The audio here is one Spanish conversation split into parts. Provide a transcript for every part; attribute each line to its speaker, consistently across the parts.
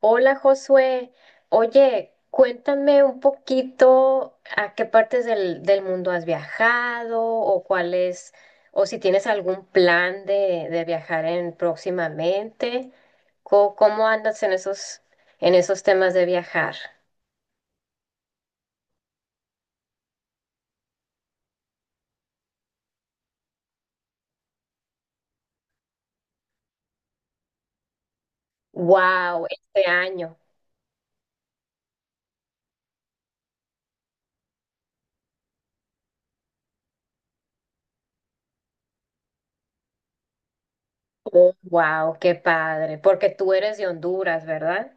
Speaker 1: Hola Josué, oye, cuéntame un poquito a qué partes del mundo has viajado o cuál es, o si tienes algún plan de viajar en próximamente. ¿Cómo andas en esos temas de viajar? Wow, este año. Wow, qué padre, porque tú eres de Honduras, ¿verdad?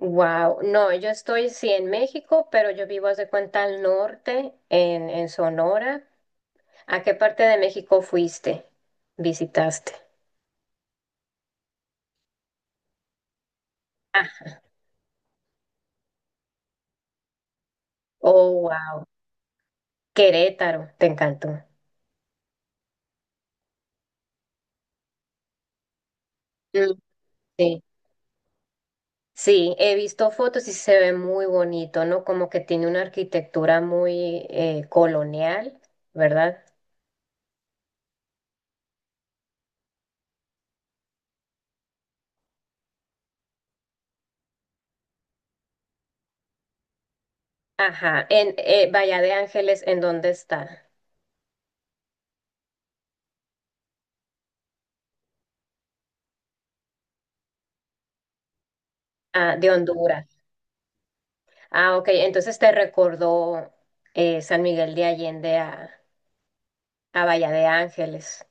Speaker 1: Wow, no, yo estoy sí en México, pero yo vivo, haz de cuenta, al norte, en Sonora. ¿A qué parte de México fuiste? ¿Visitaste? Ah, oh, wow. Querétaro, te encantó. Mm. Sí. Sí, he visto fotos y se ve muy bonito, ¿no? Como que tiene una arquitectura muy colonial, ¿verdad? Ajá. En Bahía de Ángeles, ¿en dónde está? Ah, de Honduras. Ah, ok. Entonces te recordó San Miguel de Allende a Bahía de Ángeles.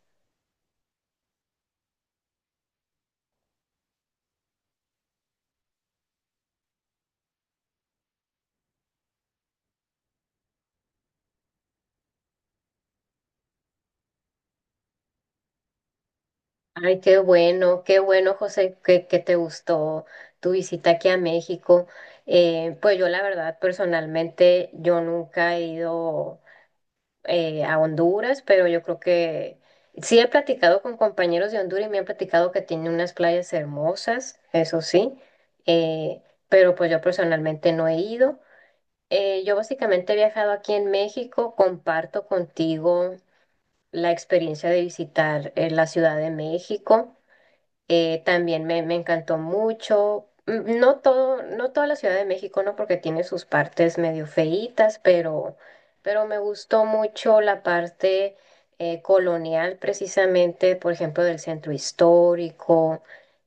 Speaker 1: Ay, qué bueno, José, que te gustó tu visita aquí a México. Pues yo la verdad, personalmente, yo nunca he ido a Honduras, pero yo creo que sí he platicado con compañeros de Honduras y me han platicado que tiene unas playas hermosas, eso sí, eh, pero pues yo personalmente no he ido. Yo básicamente he viajado aquí en México, comparto contigo la experiencia de visitar la Ciudad de México. También me encantó mucho. Mm, no todo, no toda la Ciudad de México, ¿no? Porque tiene sus partes medio feitas, pero me gustó mucho la parte colonial, precisamente, por ejemplo, del centro histórico.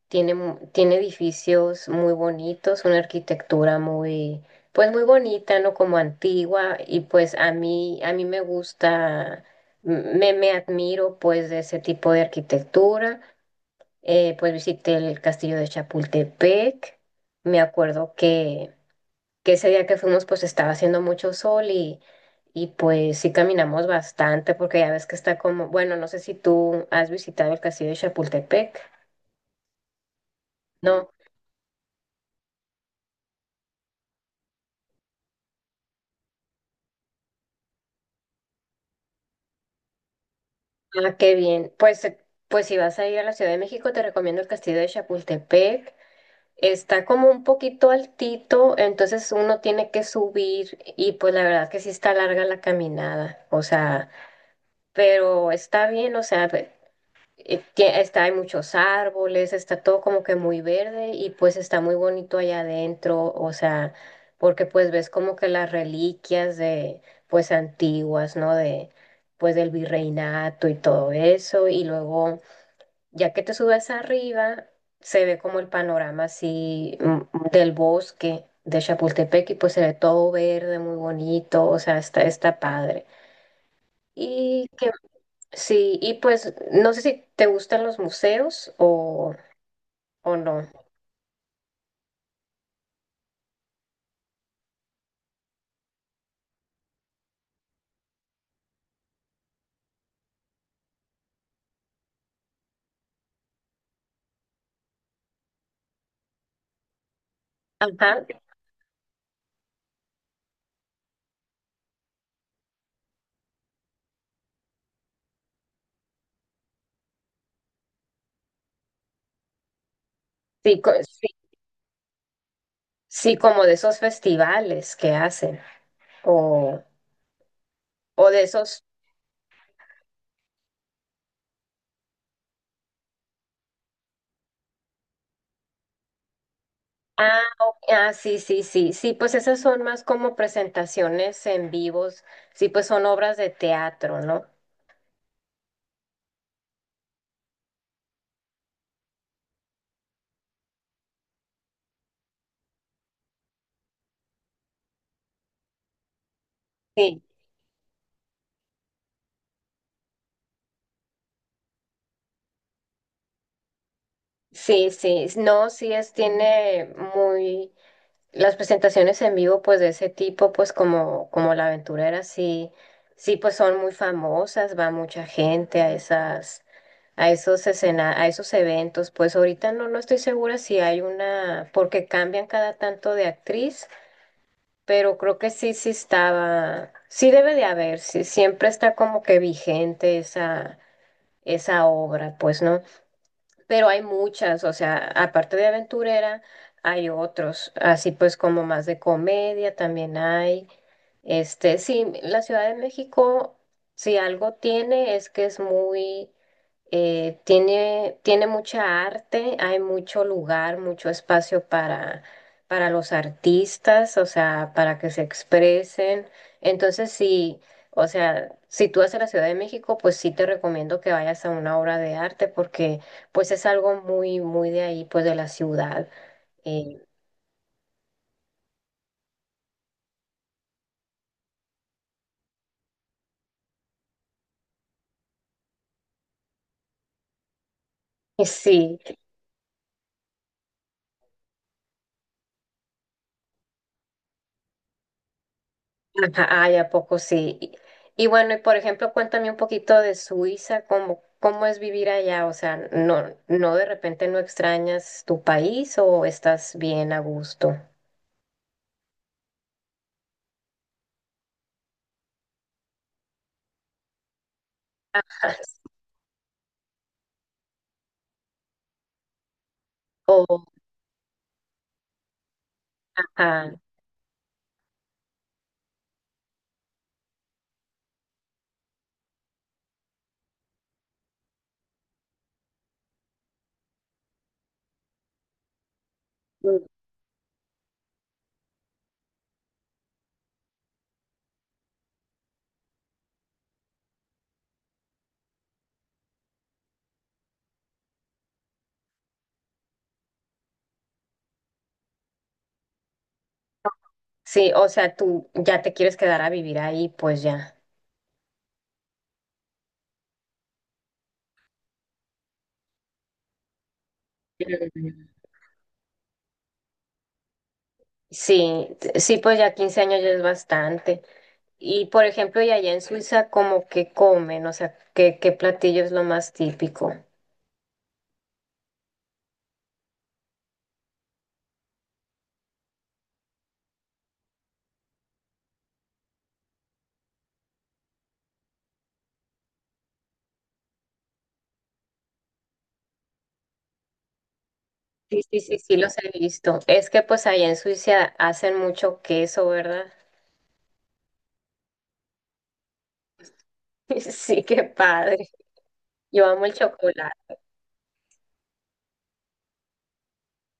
Speaker 1: Tiene, tiene edificios muy bonitos, una arquitectura muy, pues muy bonita, ¿no? Como antigua. Y pues a mí me gusta, me admiro pues de ese tipo de arquitectura. Pues visité el castillo de Chapultepec. Me acuerdo que ese día que fuimos pues estaba haciendo mucho sol y pues sí caminamos bastante porque ya ves que está como, bueno, no sé si tú has visitado el castillo de Chapultepec. No, ah, qué bien. Pues, pues si vas a ir a la Ciudad de México te recomiendo el castillo de Chapultepec. Está como un poquito altito, entonces uno tiene que subir y pues la verdad que sí está larga la caminada. O sea, pero está bien, o sea, está, hay muchos árboles, está todo como que muy verde y pues está muy bonito allá adentro, o sea, porque pues ves como que las reliquias de, pues antiguas, ¿no? De, pues del virreinato y todo eso, y luego, ya que te subes arriba, se ve como el panorama así del bosque de Chapultepec y pues se ve todo verde, muy bonito, o sea, está, está padre. Y qué. Sí, y pues no sé si te gustan los museos o no. Ajá, sí, sí, sí, como de esos festivales que hacen o, o de esos... Ah, ok, ah, sí, sí, sí, sí, pues esas son más como presentaciones en vivos, sí, pues son obras de teatro, ¿no? Sí, sí, sí, no, sí es, tiene muy... Las presentaciones en vivo, pues de ese tipo, pues como, como la aventurera, sí, sí, pues son muy famosas, va mucha gente a esas, a esos escena, a esos eventos. Pues ahorita no, no estoy segura si hay una, porque cambian cada tanto de actriz, pero creo que sí, sí estaba, sí debe de haber, sí, siempre está como que vigente esa, esa obra, pues, ¿no? Pero hay muchas, o sea, aparte de aventurera, hay otros, así pues como más de comedia también hay. Este, sí, la Ciudad de México, si algo tiene, es que es muy, tiene, tiene mucha arte, hay mucho lugar, mucho espacio para los artistas, o sea, para que se expresen. Entonces, sí, o sea, si tú vas a la Ciudad de México, pues sí te recomiendo que vayas a una obra de arte porque pues es algo muy, muy de ahí, pues de la ciudad. Eh, y sí. Ajá, ay, ¿a poco sí? Y bueno, y por ejemplo, cuéntame un poquito de Suiza, cómo es vivir allá, o sea, no, no de repente no extrañas tu país o estás bien a gusto. Ajá, o, ajá, mm, sí, o sea, tú ya te quieres quedar a vivir ahí, pues ya. Mm. Sí, sí, pues ya 15 años ya es bastante. Y por ejemplo, y allá en Suiza, ¿cómo que comen? O sea, ¿qué, qué platillo es lo más típico? Sí, sí, sí, sí, los he visto. Es que pues allá en Suiza hacen mucho queso, ¿verdad? Sí, qué padre. Yo amo el chocolate.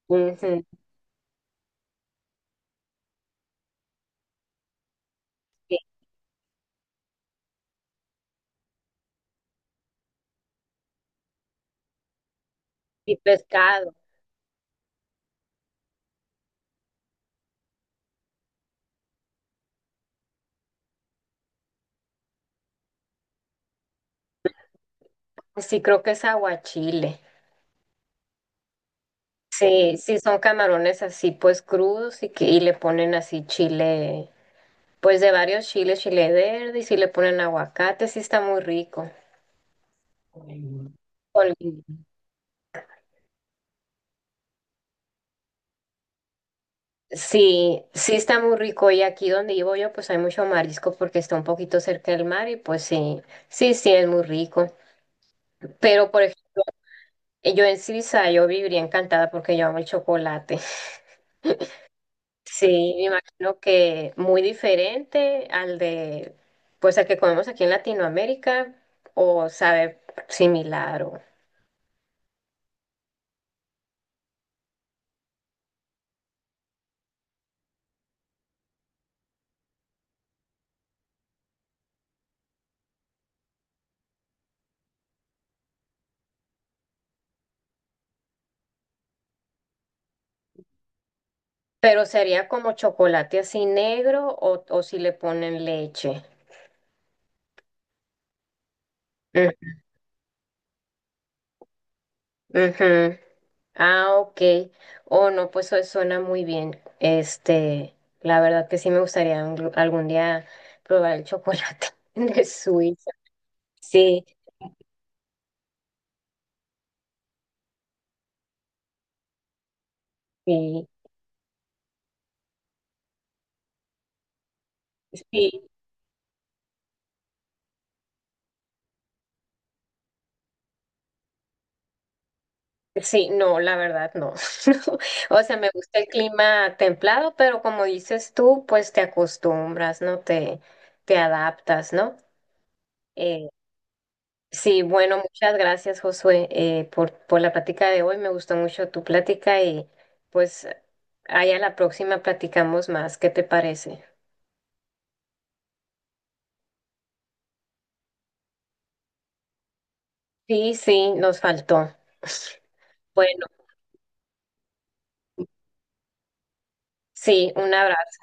Speaker 1: Ujú, sí. Y pescado. Sí, creo que es aguachile. Sí, sí, son camarones así pues crudos y, que, y le ponen así chile, pues de varios chiles, chile verde y sí le ponen aguacate, sí está muy rico. Con- Sí, sí está muy rico y aquí donde vivo yo pues hay mucho marisco porque está un poquito cerca del mar y pues sí, sí, sí es muy rico. Pero por ejemplo, yo en Suiza yo viviría encantada porque yo amo el chocolate. Sí, me imagino que muy diferente al de pues al que comemos aquí en Latinoamérica o sabe similar o... Pero sería como chocolate así negro o si le ponen leche. Mm, ujú. Ah, ok. Oh, no, pues eso suena muy bien. Este, la verdad que sí me gustaría algún día probar el chocolate de Suiza. Sí, sí, sí, sí, no, la verdad no. O sea, me gusta el clima templado, pero como dices tú, pues te acostumbras, ¿no? Te adaptas, ¿no? Eh, sí, bueno, muchas gracias, Josué, por la plática de hoy. Me gustó mucho tu plática y pues ahí a la próxima platicamos más. ¿Qué te parece? Sí, sí, nos faltó. Bueno, sí, un abrazo.